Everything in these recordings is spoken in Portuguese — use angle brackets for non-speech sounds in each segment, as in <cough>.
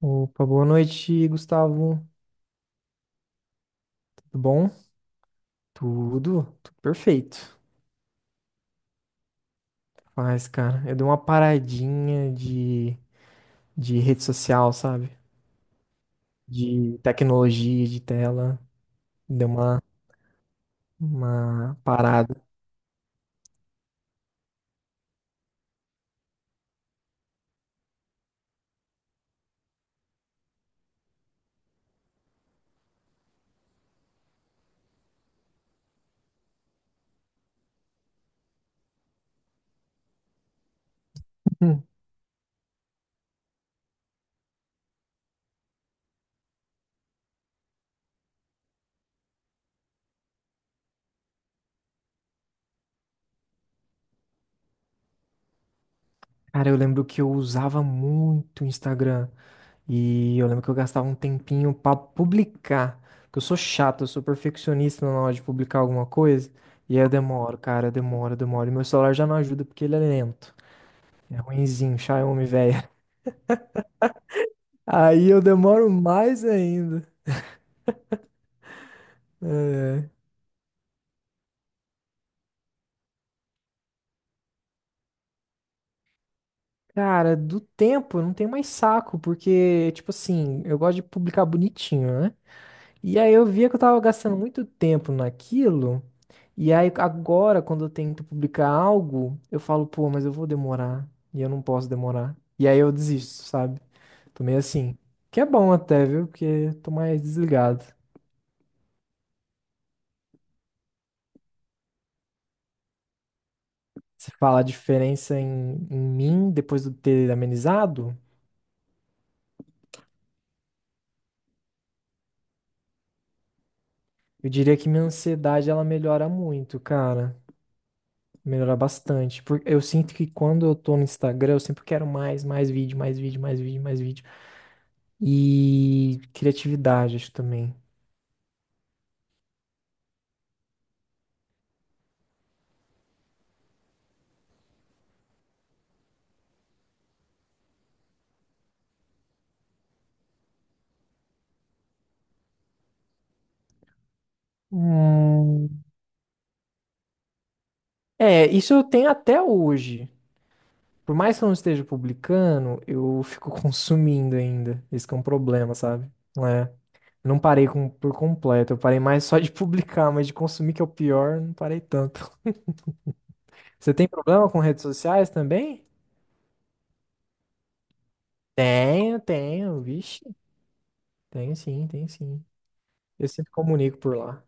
Opa, boa noite, Gustavo. Tudo bom? Tudo perfeito. Mas, cara, eu dei uma paradinha de rede social, sabe? De tecnologia, de tela. Deu uma, uma parada. <laughs> Hum. Cara, eu lembro que eu usava muito o Instagram. E eu lembro que eu gastava um tempinho pra publicar. Porque eu sou chato, eu sou perfeccionista na hora de publicar alguma coisa. E aí eu demoro, cara, eu demoro. E meu celular já não ajuda porque ele é lento. É ruinzinho, Xiaomi, velho. <laughs> Aí eu demoro mais ainda. É. é. Cara, do tempo eu não tenho mais saco, porque, tipo assim, eu gosto de publicar bonitinho, né? E aí eu via que eu tava gastando muito tempo naquilo. E aí agora, quando eu tento publicar algo, eu falo, pô, mas eu vou demorar. E eu não posso demorar. E aí eu desisto, sabe? Tô meio assim. Que é bom até, viu? Porque tô mais desligado. Você fala a diferença em mim depois do ter amenizado? Eu diria que minha ansiedade ela melhora muito, cara. Melhora bastante. Porque eu sinto que quando eu tô no Instagram, eu sempre quero mais, mais vídeo, mais vídeo, mais vídeo, mais vídeo. E criatividade, acho também. Hum. É, isso eu tenho até hoje. Por mais que eu não esteja publicando, eu fico <laughs> consumindo ainda. Esse que é um problema, sabe? É. Não parei com- por completo. Eu parei mais <laughs> só de publicar, mas de consumir, que é o pior, não parei tanto. Você tem problema com redes sociais também? Tenho, tenho, vixe, tenho sim, tenho sim. Eu sempre comunico por lá.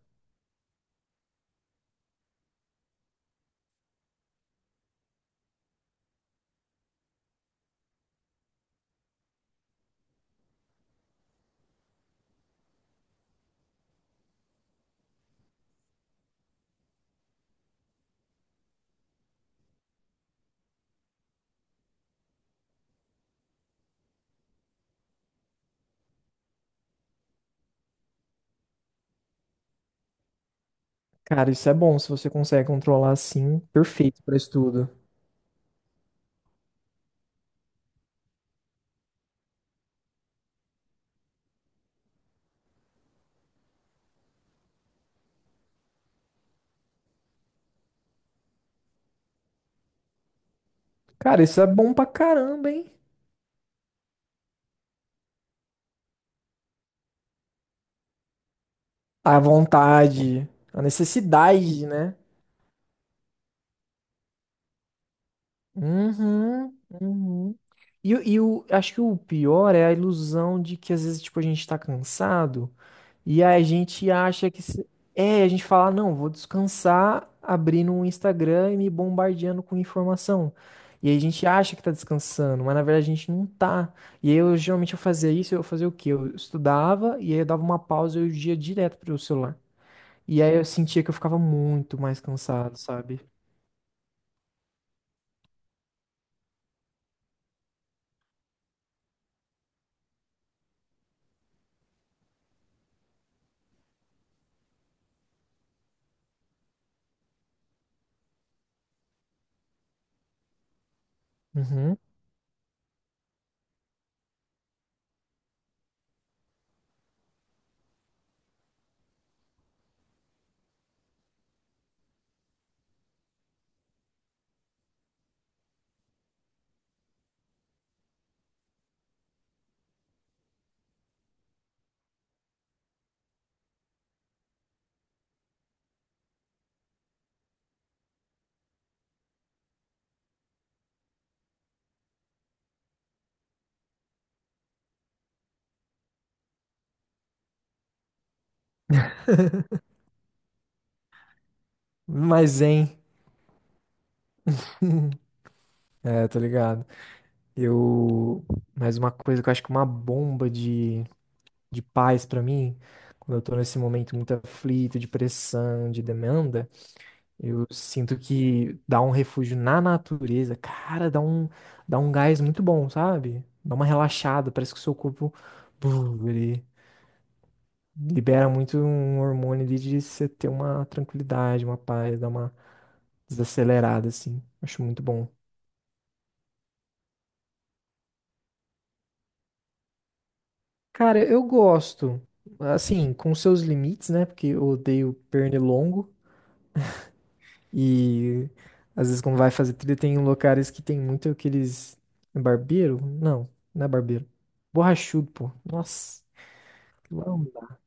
Cara, isso é bom, se você consegue controlar assim, perfeito pra estudo. Cara, isso é bom pra caramba, hein? A vontade, a necessidade, né? Uhum, uhum. Acho que o pior é a ilusão de que às vezes, tipo, a gente tá cansado. E a gente acha que. Se- É, a gente fala, não, vou descansar abrindo um Instagram e me bombardeando com informação. E aí a gente acha que tá descansando, mas na verdade a gente não tá. E aí eu geralmente eu fazia isso, eu fazia o quê? Eu estudava e aí eu dava uma pausa e eu ia direto pro celular. E aí eu sentia que eu ficava muito mais cansado, sabe? Uhum. Mas, hein? É, tô ligado. Eu. Mais uma coisa que eu acho que é uma bomba de paz para mim, quando eu tô nesse momento muito aflito, de pressão, de demanda, eu sinto que dá um refúgio na natureza, cara, dá um gás muito bom, sabe? Dá uma relaxada, parece que o seu corpo, buf, ele libera muito um hormônio ali de você ter uma tranquilidade, uma paz, dá uma desacelerada, assim. Acho muito bom. Cara, eu gosto, assim, com seus limites, né? Porque eu odeio pernilongo. E às vezes, quando vai fazer trilha, tem locais que tem muito aqueles. Barbeiro? Não, não é barbeiro. Borrachudo, pô. Nossa. Aquilo lá não dá.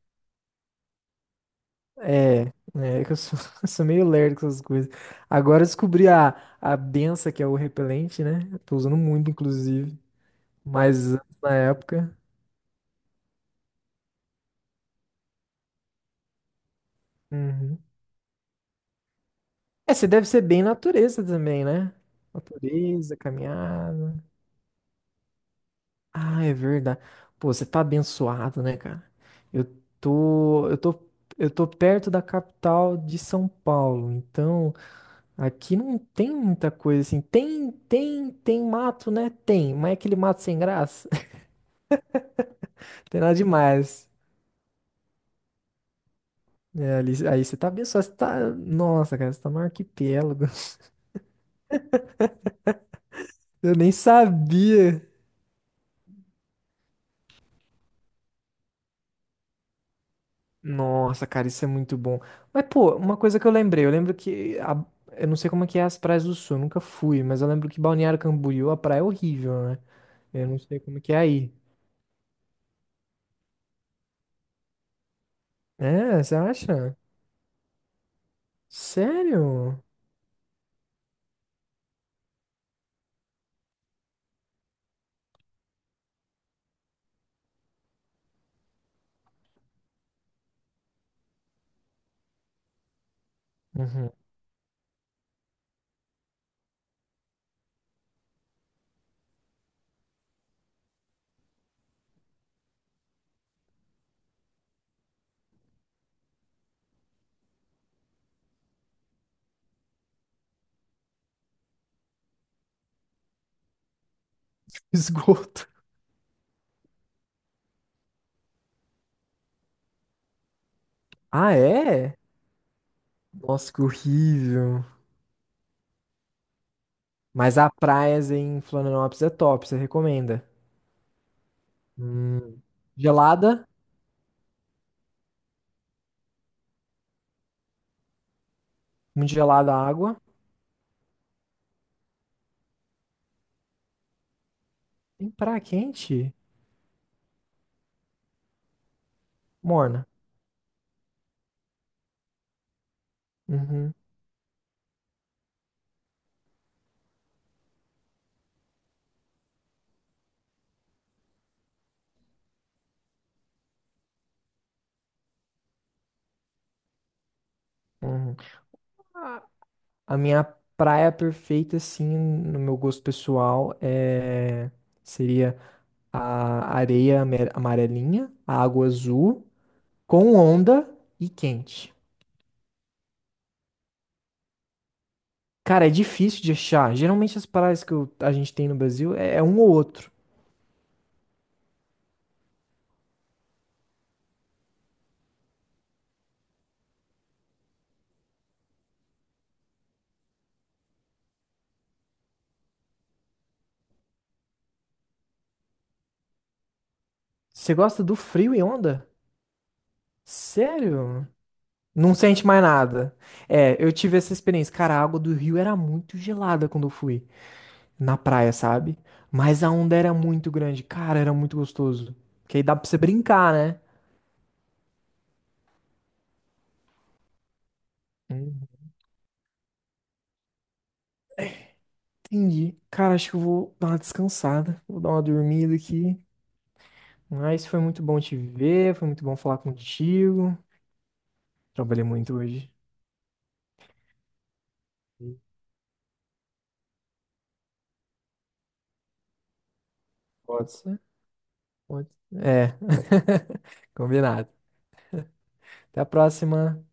É, é que eu sou, <laughs> eu sou meio lerdo com essas coisas. Agora eu descobri a benção que é o repelente, né? Eu tô usando muito, inclusive. Mas antes, na época. Uhum. É, você deve ser bem natureza também, né? Natureza, caminhada. Ah, é verdade. Pô, você tá abençoado, né, cara? Eu tô, eu tô, eu tô perto da capital de São Paulo, então aqui não tem muita coisa assim. Tem mato, né? Tem, mas é aquele mato sem graça. <laughs> Tem nada demais. É, ali, aí você tá abençoado, você tá. Nossa, cara, você tá no arquipélago. <laughs> Eu nem sabia. Nossa, cara, isso é muito bom. Mas, pô, uma coisa que eu lembrei, eu lembro que a- eu não sei como é que é as praias do sul, eu nunca fui, mas eu lembro que Balneário Camboriú, a praia é horrível, né? Eu não sei como é que é aí. É, você acha? Sério? Uhum. <laughs> Esgoto. Ah, é? Nossa, que horrível. Mas a praias em Florianópolis é top, você recomenda? Hum. Gelada, muito gelada a água. Tem praia quente? Morna. Uhum. uhum. A minha praia perfeita, assim, no meu gosto pessoal, é... seria a areia ame- amarelinha, a água azul, com onda e quente. Cara, é difícil de achar. Geralmente as praias que eu- a gente tem no Brasil é, é um ou outro. Você gosta do frio e onda? Sério? Não sente mais nada. É, eu tive essa experiência. Cara, a água do rio era muito gelada quando eu fui. Na praia, sabe? Mas a onda era muito grande. Cara, era muito gostoso. Que aí dá pra você brincar, né? Hum, entendi. Cara, acho que eu vou dar uma descansada. Vou dar uma dormida aqui. Mas foi muito bom te ver. Foi muito bom falar contigo. Trabalhei muito hoje. Pode ser? Pode ser. É. <laughs> Combinado. Até a próxima.